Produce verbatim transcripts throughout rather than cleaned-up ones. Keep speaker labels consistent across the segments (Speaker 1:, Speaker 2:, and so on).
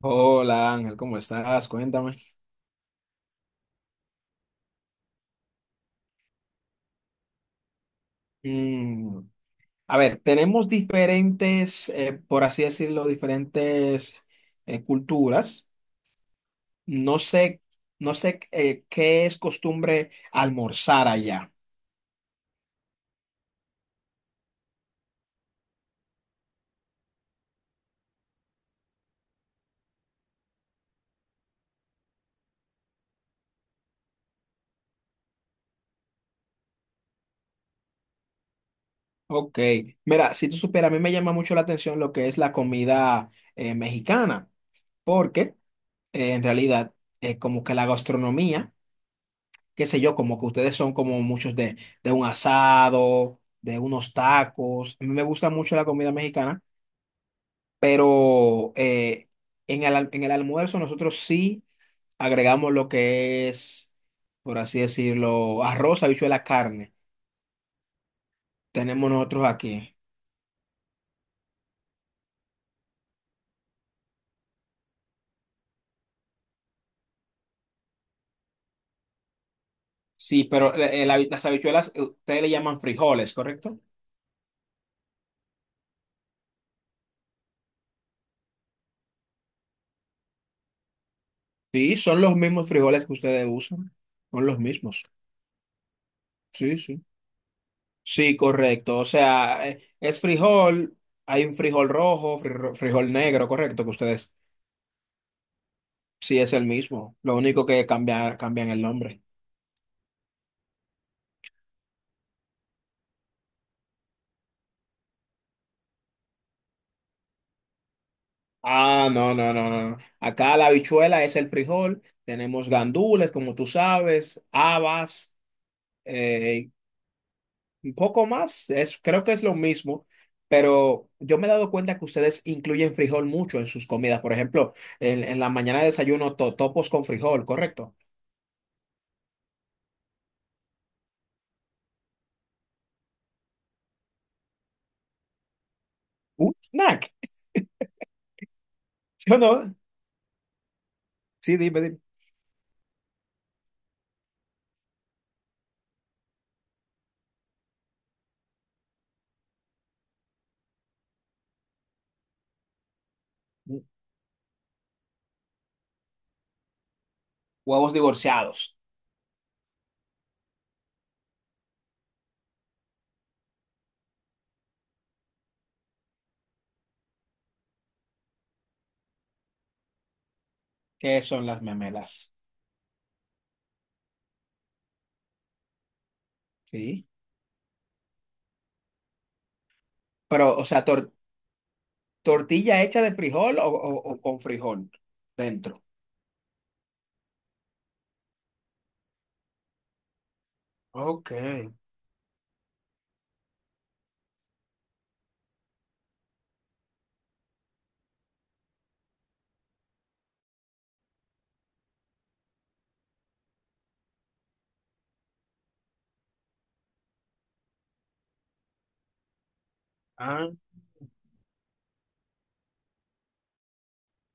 Speaker 1: Hola Ángel, ¿cómo estás? Cuéntame. Mm, a ver, tenemos diferentes, eh, por así decirlo, diferentes eh, culturas. No sé, no sé eh, qué es costumbre almorzar allá. Ok, mira, si tú supieras, a mí me llama mucho la atención lo que es la comida eh, mexicana, porque eh, en realidad eh, como que la gastronomía qué sé yo, como que ustedes son como muchos de, de un asado, de unos tacos. A mí me gusta mucho la comida mexicana, pero eh, en el, al- en el almuerzo nosotros sí agregamos lo que es, por así decirlo, arroz, habichuela, carne. Tenemos nosotros aquí. Sí, pero eh, eh, la- las habichuelas, eh, ustedes le llaman frijoles, ¿correcto? Sí, son los mismos frijoles que ustedes usan. Son los mismos. Sí, sí. Sí, correcto. O sea, eh, es frijol, hay un frijol rojo, frijol, frijol negro, correcto, que ustedes sí es el mismo. Lo único que cambia, cambian el nombre. Ah, no, no, no, no. No. Acá la habichuela es el frijol, tenemos gandules, como tú sabes, habas, eh, un poco más, es, creo que es lo mismo. Pero yo me he dado cuenta que ustedes incluyen frijol mucho en sus comidas. Por ejemplo, en, en la mañana desayuno totopos con frijol, ¿correcto? Un snack. Yo no. Sí, dime, dime. Huevos divorciados, ¿qué son las memelas? ¿Sí? Pero, o sea, tor- tortilla hecha de frijol o, o- o con frijol dentro. Ok. Ah,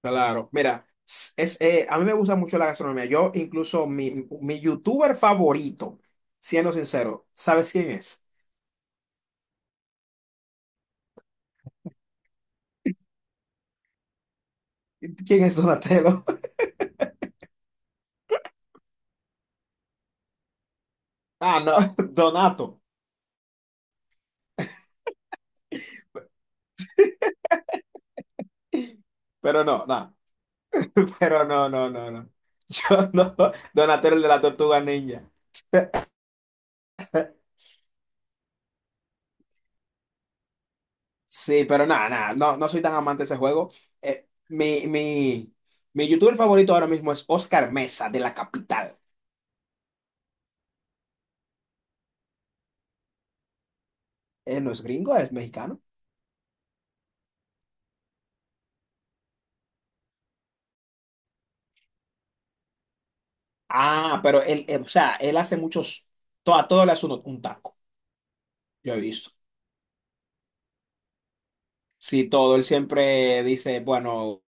Speaker 1: claro, mira, s- es, eh, a mí me gusta mucho la gastronomía. Yo, incluso, mi, mi youtuber favorito, siendo sincero, ¿sabes quién es? ¿Quién es Donatello? Ah, no, Donato. Pero no, no. Pero no, no, no, no. Yo no. Donatello el de la tortuga ninja. Sí, pero nada, nada, no, no soy tan amante de ese juego. Eh, mi, mi, mi youtuber favorito ahora mismo es Oscar Mesa, de La Capital. Él no es gringo, es mexicano. Ah, pero él, él, o sea, él hace muchos, to- a todo le hace un, un taco, yo he visto. Sí, todo, él siempre dice, bueno,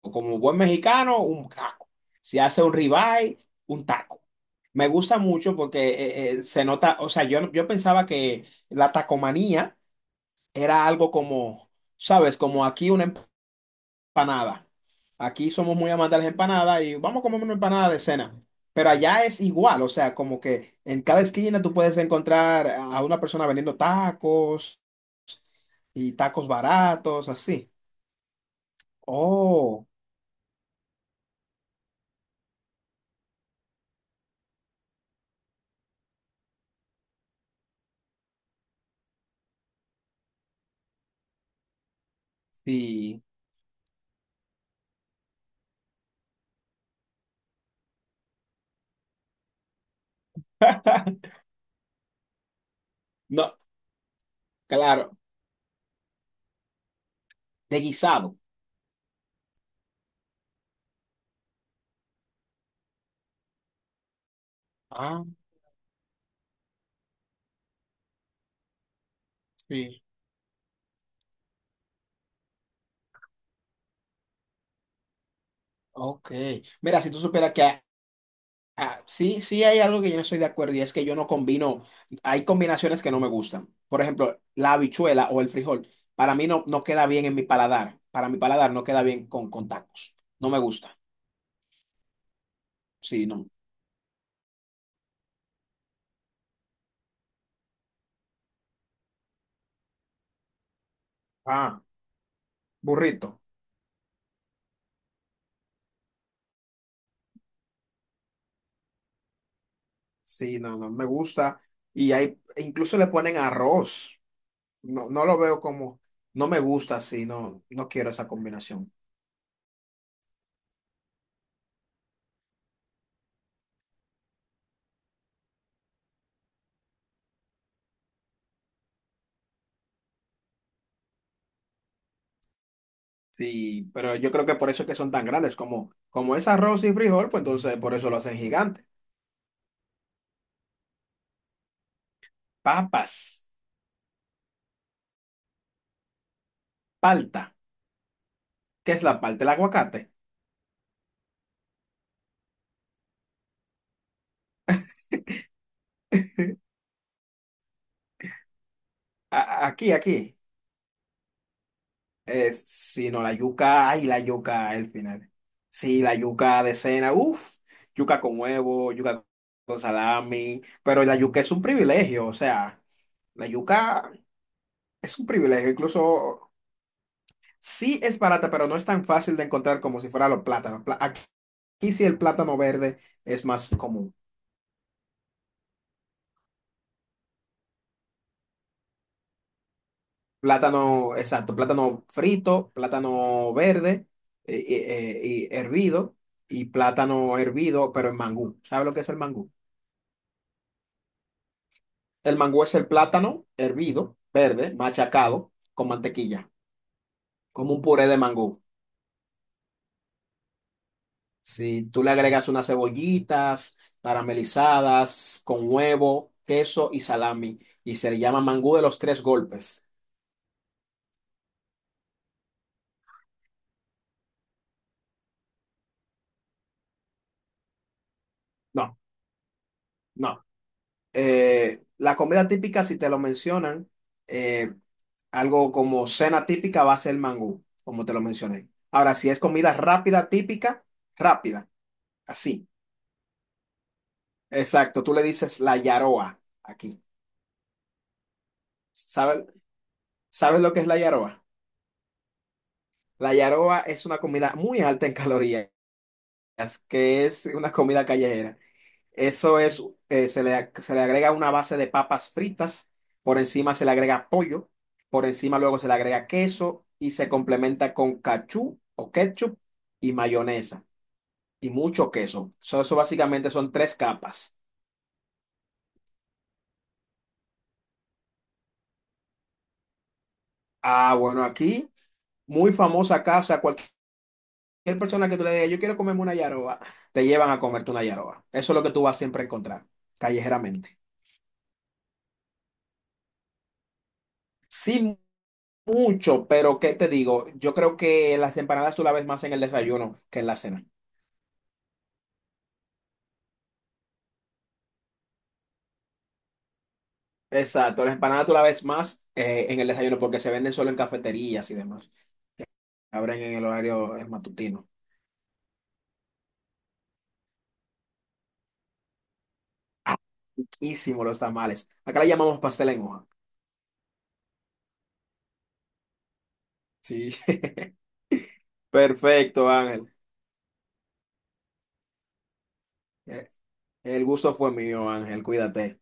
Speaker 1: como buen mexicano, un taco. Si hace un ribeye, un taco. Me gusta mucho porque eh, eh, se nota, o sea, yo, yo pensaba que la tacomanía era algo como, ¿sabes? Como aquí una empanada. Aquí somos muy amantes de las empanadas y vamos a comer una empanada de cena. Pero allá es igual, o sea, como que en cada esquina tú puedes encontrar a una persona vendiendo tacos y tacos baratos, así. Oh, sí. No, claro, de guisado. Ah, sí. Ok. Mira, si tú supieras que ah, sí, sí hay algo que yo no estoy de acuerdo y es que yo no combino, hay combinaciones que no me gustan. Por ejemplo, la habichuela o el frijol, para mí no, no queda bien en mi paladar, para mi paladar no queda bien con, con tacos, no me gusta, sí, no. Ah, burrito, sí, no, no me gusta y hay, e incluso le ponen arroz, no, no lo veo como, no me gusta, sí, no, no quiero esa combinación. Sí, pero yo creo que por eso es que son tan grandes, como, como es arroz y frijol, pues entonces por eso lo hacen gigante. Papas. Palta. ¿Qué es la palta? El aguacate. A- aquí, aquí. Es, si no, la yuca. Ay, la yuca, el final. Sí, la yuca de cena. Uf, yuca con huevo, yuca con salami. Pero la yuca es un privilegio. O sea, la yuca es un privilegio. Incluso sí es barata, pero no es tan fácil de encontrar como si fuera los plátanos. Pla- Aquí sí el plátano verde es más común. Plátano, exacto, plátano frito, plátano verde eh, eh, eh, y hervido y plátano hervido, pero en mangú. ¿Sabes lo que es el mangú? El mangú es el plátano hervido, verde, machacado con mantequilla, como un puré de mangú. Si tú le agregas unas cebollitas caramelizadas con huevo, queso y salami y se le llama mangú de los tres golpes. No, no. Eh, la comida típica, si te lo mencionan, eh, algo como cena típica va a ser mangú, como te lo mencioné. Ahora, si es comida rápida, típica, rápida, así. Exacto, tú le dices la yaroa aquí. ¿Sabes, ¿sabes lo que es la yaroa? La yaroa es una comida muy alta en calorías, que es una comida callejera. Eso es, eh, se le, se le agrega una base de papas fritas, por encima se le agrega pollo, por encima luego se le agrega queso y se complementa con cachú o ketchup y mayonesa y mucho queso. So, eso básicamente son tres capas. Ah, bueno, aquí muy famosa acá, o sea, cualquier persona que tú le digas, yo quiero comerme una yaroba, te llevan a comerte una yaroba. Eso es lo que tú vas siempre a encontrar, callejeramente. Sí, mucho, pero ¿qué te digo? Yo creo que las empanadas tú las ves más en el desayuno que en la cena. Exacto, las empanadas tú las ves más eh, en el desayuno porque se venden solo en cafeterías y demás. Abren en el horario eh, matutino. Riquísimo los tamales. Acá le llamamos pastel en hoja. Sí. Perfecto, Ángel. Eh, El gusto fue mío, Ángel. Cuídate.